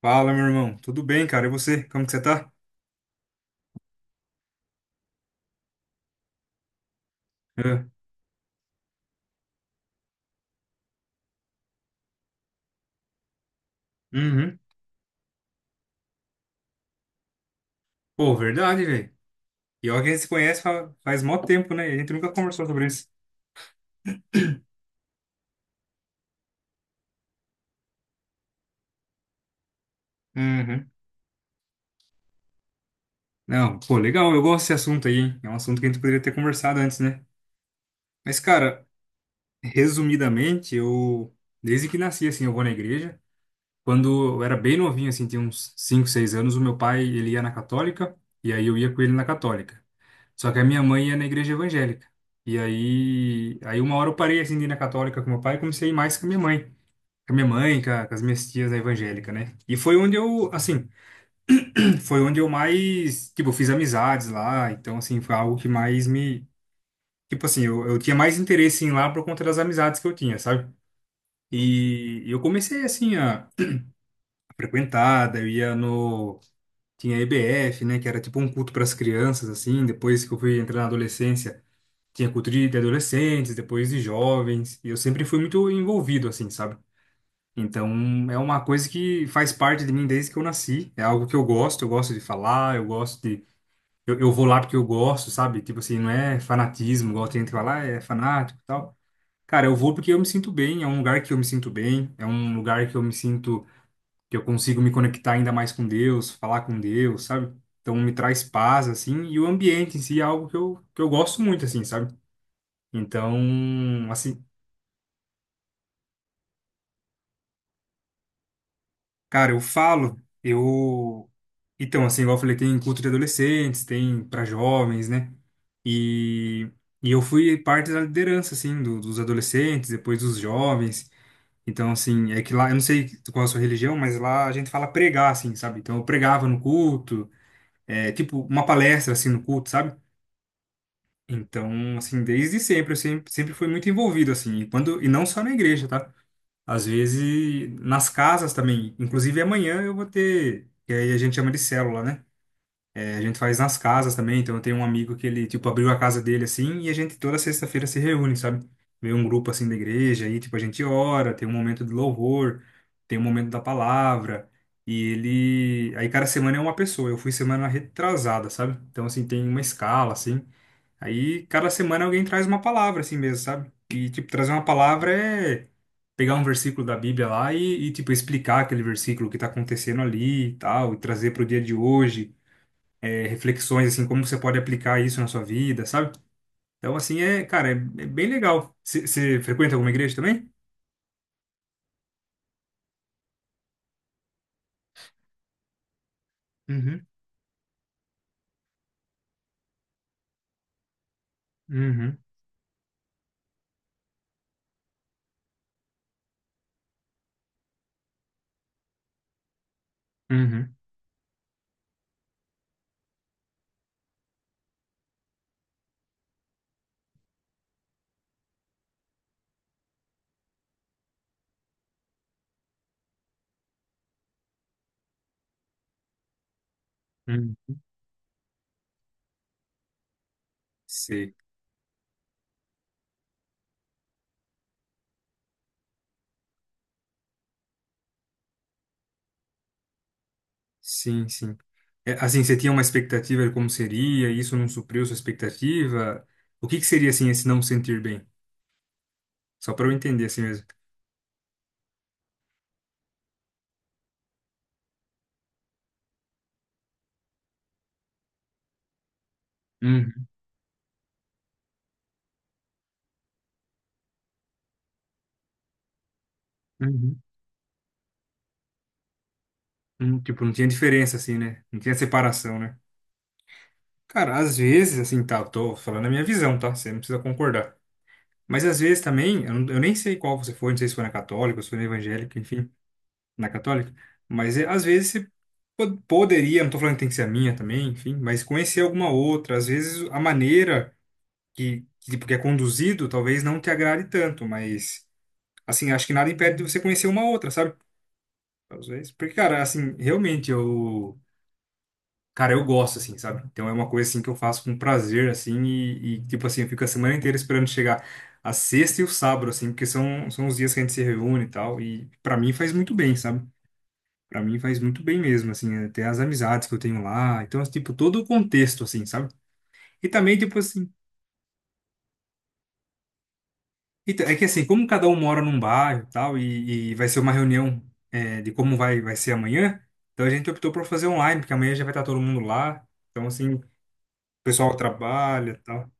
Fala, meu irmão. Tudo bem, cara? E você? Como que você tá? É. Uhum. Pô, verdade, velho. E olha que a gente se conhece faz mó tempo, né? E a gente nunca conversou sobre isso. Uhum. Não, pô, legal. Eu gosto desse assunto aí, hein? É um assunto que a gente poderia ter conversado antes, né? Mas, cara, resumidamente, eu... Desde que nasci, assim, eu vou na igreja. Quando eu era bem novinho, assim, tinha uns 5 6 anos, o meu pai, ele ia na católica. E aí eu ia com ele na católica. Só que a minha mãe ia na igreja evangélica. E aí uma hora eu parei assim de ir na católica com meu pai e comecei a ir mais com a minha mãe. Com a minha mãe, com as minhas tias na evangélica, né? E foi onde eu, assim, foi onde eu mais, tipo, fiz amizades lá. Então, assim, foi algo que mais me. Tipo assim, eu tinha mais interesse em ir lá por conta das amizades que eu tinha, sabe? E eu comecei, assim, a frequentar, daí eu ia no. Tinha EBF, né? Que era tipo um culto para as crianças, assim. Depois que eu fui entrar na adolescência. Tinha cultura de adolescentes, depois de jovens, e eu sempre fui muito envolvido, assim, sabe? Então, é uma coisa que faz parte de mim desde que eu nasci, é algo que eu gosto de falar, eu gosto de... Eu vou lá porque eu gosto, sabe? Tipo assim, não é fanatismo, igual tem gente que fala, "Ah, é fanático e tal. Cara, eu vou porque eu me sinto bem, é um lugar que eu me sinto bem, é um lugar que eu me sinto... que eu consigo me conectar ainda mais com Deus, falar com Deus, sabe? Então, me traz paz, assim, e o ambiente em si é algo que eu gosto muito, assim, sabe? Então, assim, cara, eu falo, eu. Então, assim, igual eu falei, tem culto de adolescentes, tem para jovens, né? E, e eu fui parte da liderança, assim, dos adolescentes, depois dos jovens. Então, assim, é que lá, eu não sei qual é a sua religião, mas lá a gente fala pregar, assim, sabe? Então, eu pregava no culto, é, tipo, uma palestra, assim, no culto, sabe? Então, assim, desde sempre, eu sempre fui muito envolvido, assim, e não só na igreja, tá? Às vezes, nas casas também. Inclusive, amanhã eu vou ter. Que aí a gente chama de célula, né? É, a gente faz nas casas também. Então, eu tenho um amigo que ele, tipo, abriu a casa dele assim. E a gente toda sexta-feira se reúne, sabe? Vem um grupo assim da igreja. Aí, tipo, a gente ora. Tem um momento de louvor. Tem um momento da palavra. E ele. Aí, cada semana é uma pessoa. Eu fui semana retrasada, sabe? Então, assim, tem uma escala, assim. Aí cada semana alguém traz uma palavra assim mesmo, sabe? E tipo, trazer uma palavra é pegar um versículo da Bíblia lá e tipo explicar aquele versículo, o que tá acontecendo ali e tal, e trazer pro dia de hoje, é, reflexões assim, como você pode aplicar isso na sua vida, sabe? Então assim é, cara, é bem legal. Você frequenta alguma igreja também? Uhum, uhum, uhum, uhum. Sei. Sim, sim. É, assim, você tinha uma expectativa de como seria, e isso não supriu sua expectativa? O que que seria assim esse não sentir bem? Só pra eu entender assim mesmo. Uhum, uhum. Tipo, não tinha diferença assim, né? Não tinha separação, né? Cara, às vezes, assim, tá, eu tô falando a minha visão, tá? Você não precisa concordar. Mas às vezes também, eu nem sei qual você foi, não sei se foi na católica, se foi na evangélica, enfim, na católica. Mas é, às vezes você poderia, não tô falando que tem que ser a minha também, enfim, mas conhecer alguma outra. Às vezes a maneira que, tipo, que é conduzido talvez não te agrade tanto, mas, assim, acho que nada impede de você conhecer uma outra, sabe? Às vezes. Porque, cara, assim, realmente eu. Cara, eu gosto, assim, sabe? Então é uma coisa, assim, que eu faço com prazer, assim, e, tipo assim, eu fico a semana inteira esperando chegar a sexta e o sábado, assim, porque são os dias que a gente se reúne e tal, e pra mim faz muito bem, sabe? Pra mim faz muito bem mesmo, assim, até as amizades que eu tenho lá. Então, tipo, todo o contexto, assim, sabe? E também, tipo assim, então, é que assim, como cada um mora num bairro e tal, e vai ser uma reunião é, de como vai ser amanhã, então a gente optou por fazer online, porque amanhã já vai estar todo mundo lá. Então, assim, o pessoal trabalha e tal.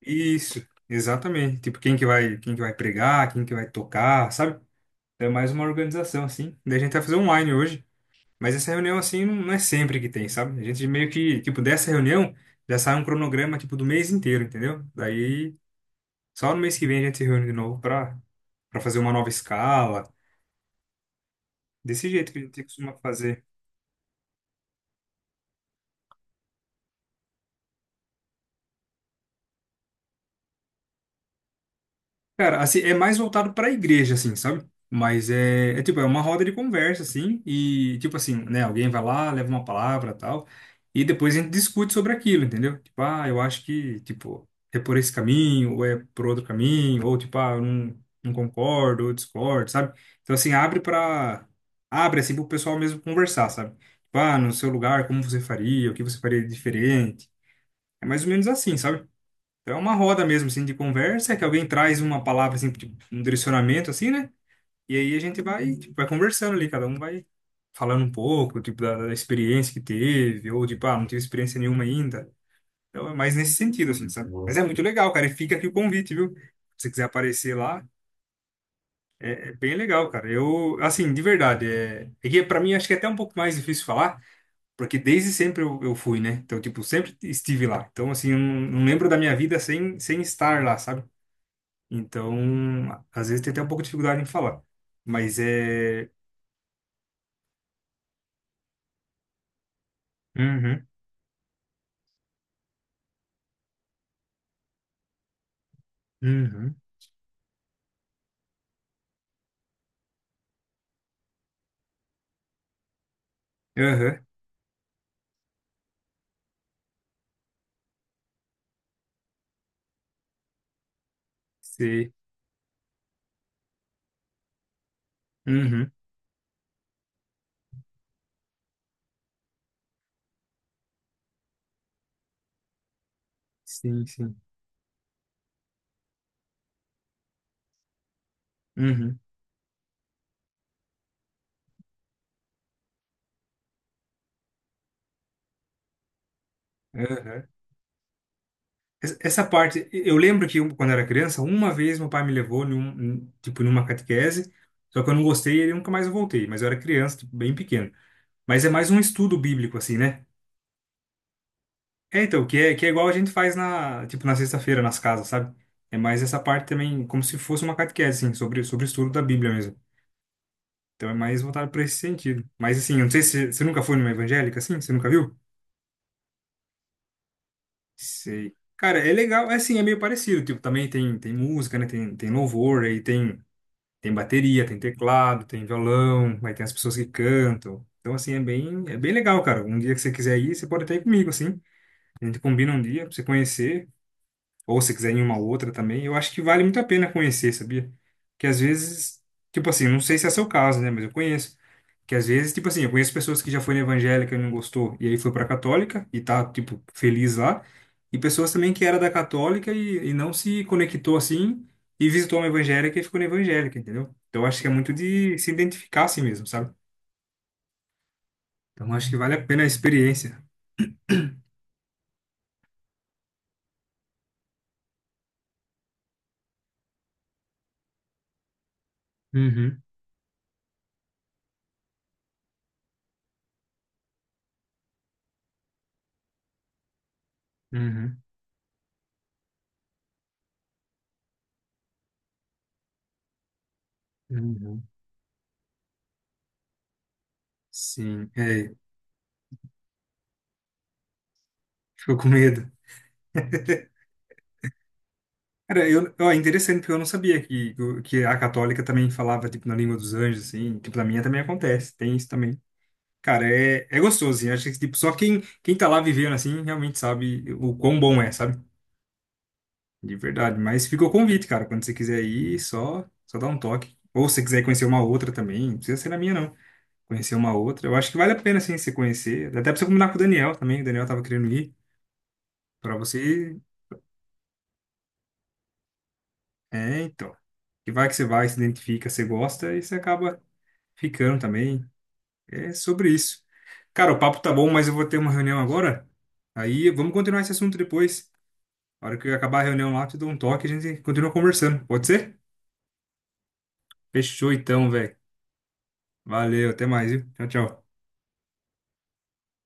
Isso, exatamente. Tipo, quem que vai pregar, quem que vai tocar, sabe? É mais uma organização, assim. Daí a gente vai fazer online hoje. Mas essa reunião, assim, não é sempre que tem, sabe? A gente meio que, tipo, dessa reunião, já sai um cronograma, tipo, do mês inteiro, entendeu? Daí só no mês que vem a gente se reúne de novo para fazer uma nova escala, desse jeito que a gente costuma fazer. Cara, assim, é mais voltado pra igreja, assim, sabe? Mas é tipo, é uma roda de conversa, assim, e tipo assim, né? Alguém vai lá, leva uma palavra tal, e depois a gente discute sobre aquilo, entendeu? Tipo, ah, eu acho que, tipo, é por esse caminho, ou é por outro caminho, ou tipo, ah, eu não concordo, ou discordo, sabe? Então, assim, abre pra. Abre, assim, pro pessoal mesmo conversar, sabe? Tipo, ah, no seu lugar, como você faria, o que você faria de diferente. É mais ou menos assim, sabe? Então é uma roda mesmo, assim, de conversa, que alguém traz uma palavra, assim, tipo, um direcionamento, assim, né? E aí a gente vai, tipo, vai conversando ali, cada um vai falando um pouco, tipo, da experiência que teve, ou tipo, ah, não tive experiência nenhuma ainda. Então é mais nesse sentido, assim, sabe? Mas é muito legal, cara, e fica aqui o convite, viu? Se você quiser aparecer lá, é bem legal, cara. Eu, assim, de verdade, é que pra mim acho que é até um pouco mais difícil falar, porque desde sempre eu fui, né? Então, tipo, sempre estive lá. Então, assim, eu não lembro da minha vida sem estar lá, sabe? Então, às vezes tem até um pouco de dificuldade em falar. Mas é. Uhum, uhum, aham, sei. Uhum, sim, sim. Uhum, aham. Essa parte, eu lembro que eu, quando era criança, uma vez meu pai me levou, tipo, numa catequese, só que eu não gostei e eu nunca mais voltei, mas eu era criança, tipo, bem pequeno. Mas é mais um estudo bíblico, assim, né? É, então, que é igual a gente faz na, tipo, na sexta-feira, nas casas, sabe? É mais essa parte também, como se fosse uma catequese, assim, sobre o estudo da Bíblia mesmo. Então é mais voltado para esse sentido. Mas assim, eu não sei se você nunca foi numa evangélica assim, você nunca viu? Sei. Cara, é legal, é assim, é meio parecido, tipo, também tem música, né? Tem louvor, aí tem bateria, tem teclado, tem violão, aí tem as pessoas que cantam. Então assim, é bem legal, cara. Um dia que você quiser ir, você pode até ir comigo assim. A gente combina um dia pra você conhecer. Ou se quiser em uma outra também, eu acho que vale muito a pena conhecer, sabia? Que às vezes, tipo assim, não sei se é seu caso, né? Mas eu conheço. Que às vezes, tipo assim, eu conheço pessoas que já foi na evangélica e não gostou, e aí foi pra católica e tá, tipo, feliz lá. E pessoas também que era da católica e não se conectou assim e visitou uma evangélica e ficou na evangélica, entendeu? Então eu acho que é muito de se identificar assim mesmo, sabe? Então eu acho que vale a pena a experiência. Uhum, uhum, uhum. Sim, é, ficou com medo. Cara, eu, ó, é interessante, porque eu não sabia que, a católica também falava, tipo, na língua dos anjos, assim. Tipo, na minha também acontece, tem isso também. Cara, é gostoso, assim. Acho que, tipo, só quem tá lá vivendo, assim, realmente sabe o quão bom é, sabe? De verdade. Mas fica o convite, cara. Quando você quiser ir, só dá um toque. Ou se você quiser conhecer uma outra também, não precisa ser na minha, não. Conhecer uma outra. Eu acho que vale a pena, assim, você conhecer. Até pra você combinar com o Daniel também. O Daniel tava querendo ir. Pra você... É, então. Que vai que você vai, se identifica, você gosta, e você acaba ficando também. É sobre isso. Cara, o papo tá bom, mas eu vou ter uma reunião agora. Aí vamos continuar esse assunto depois. Na hora que eu acabar a reunião lá, eu te dou um toque e a gente continua conversando. Pode ser? Fechou então, velho. Valeu, até mais, viu? Tchau, tchau.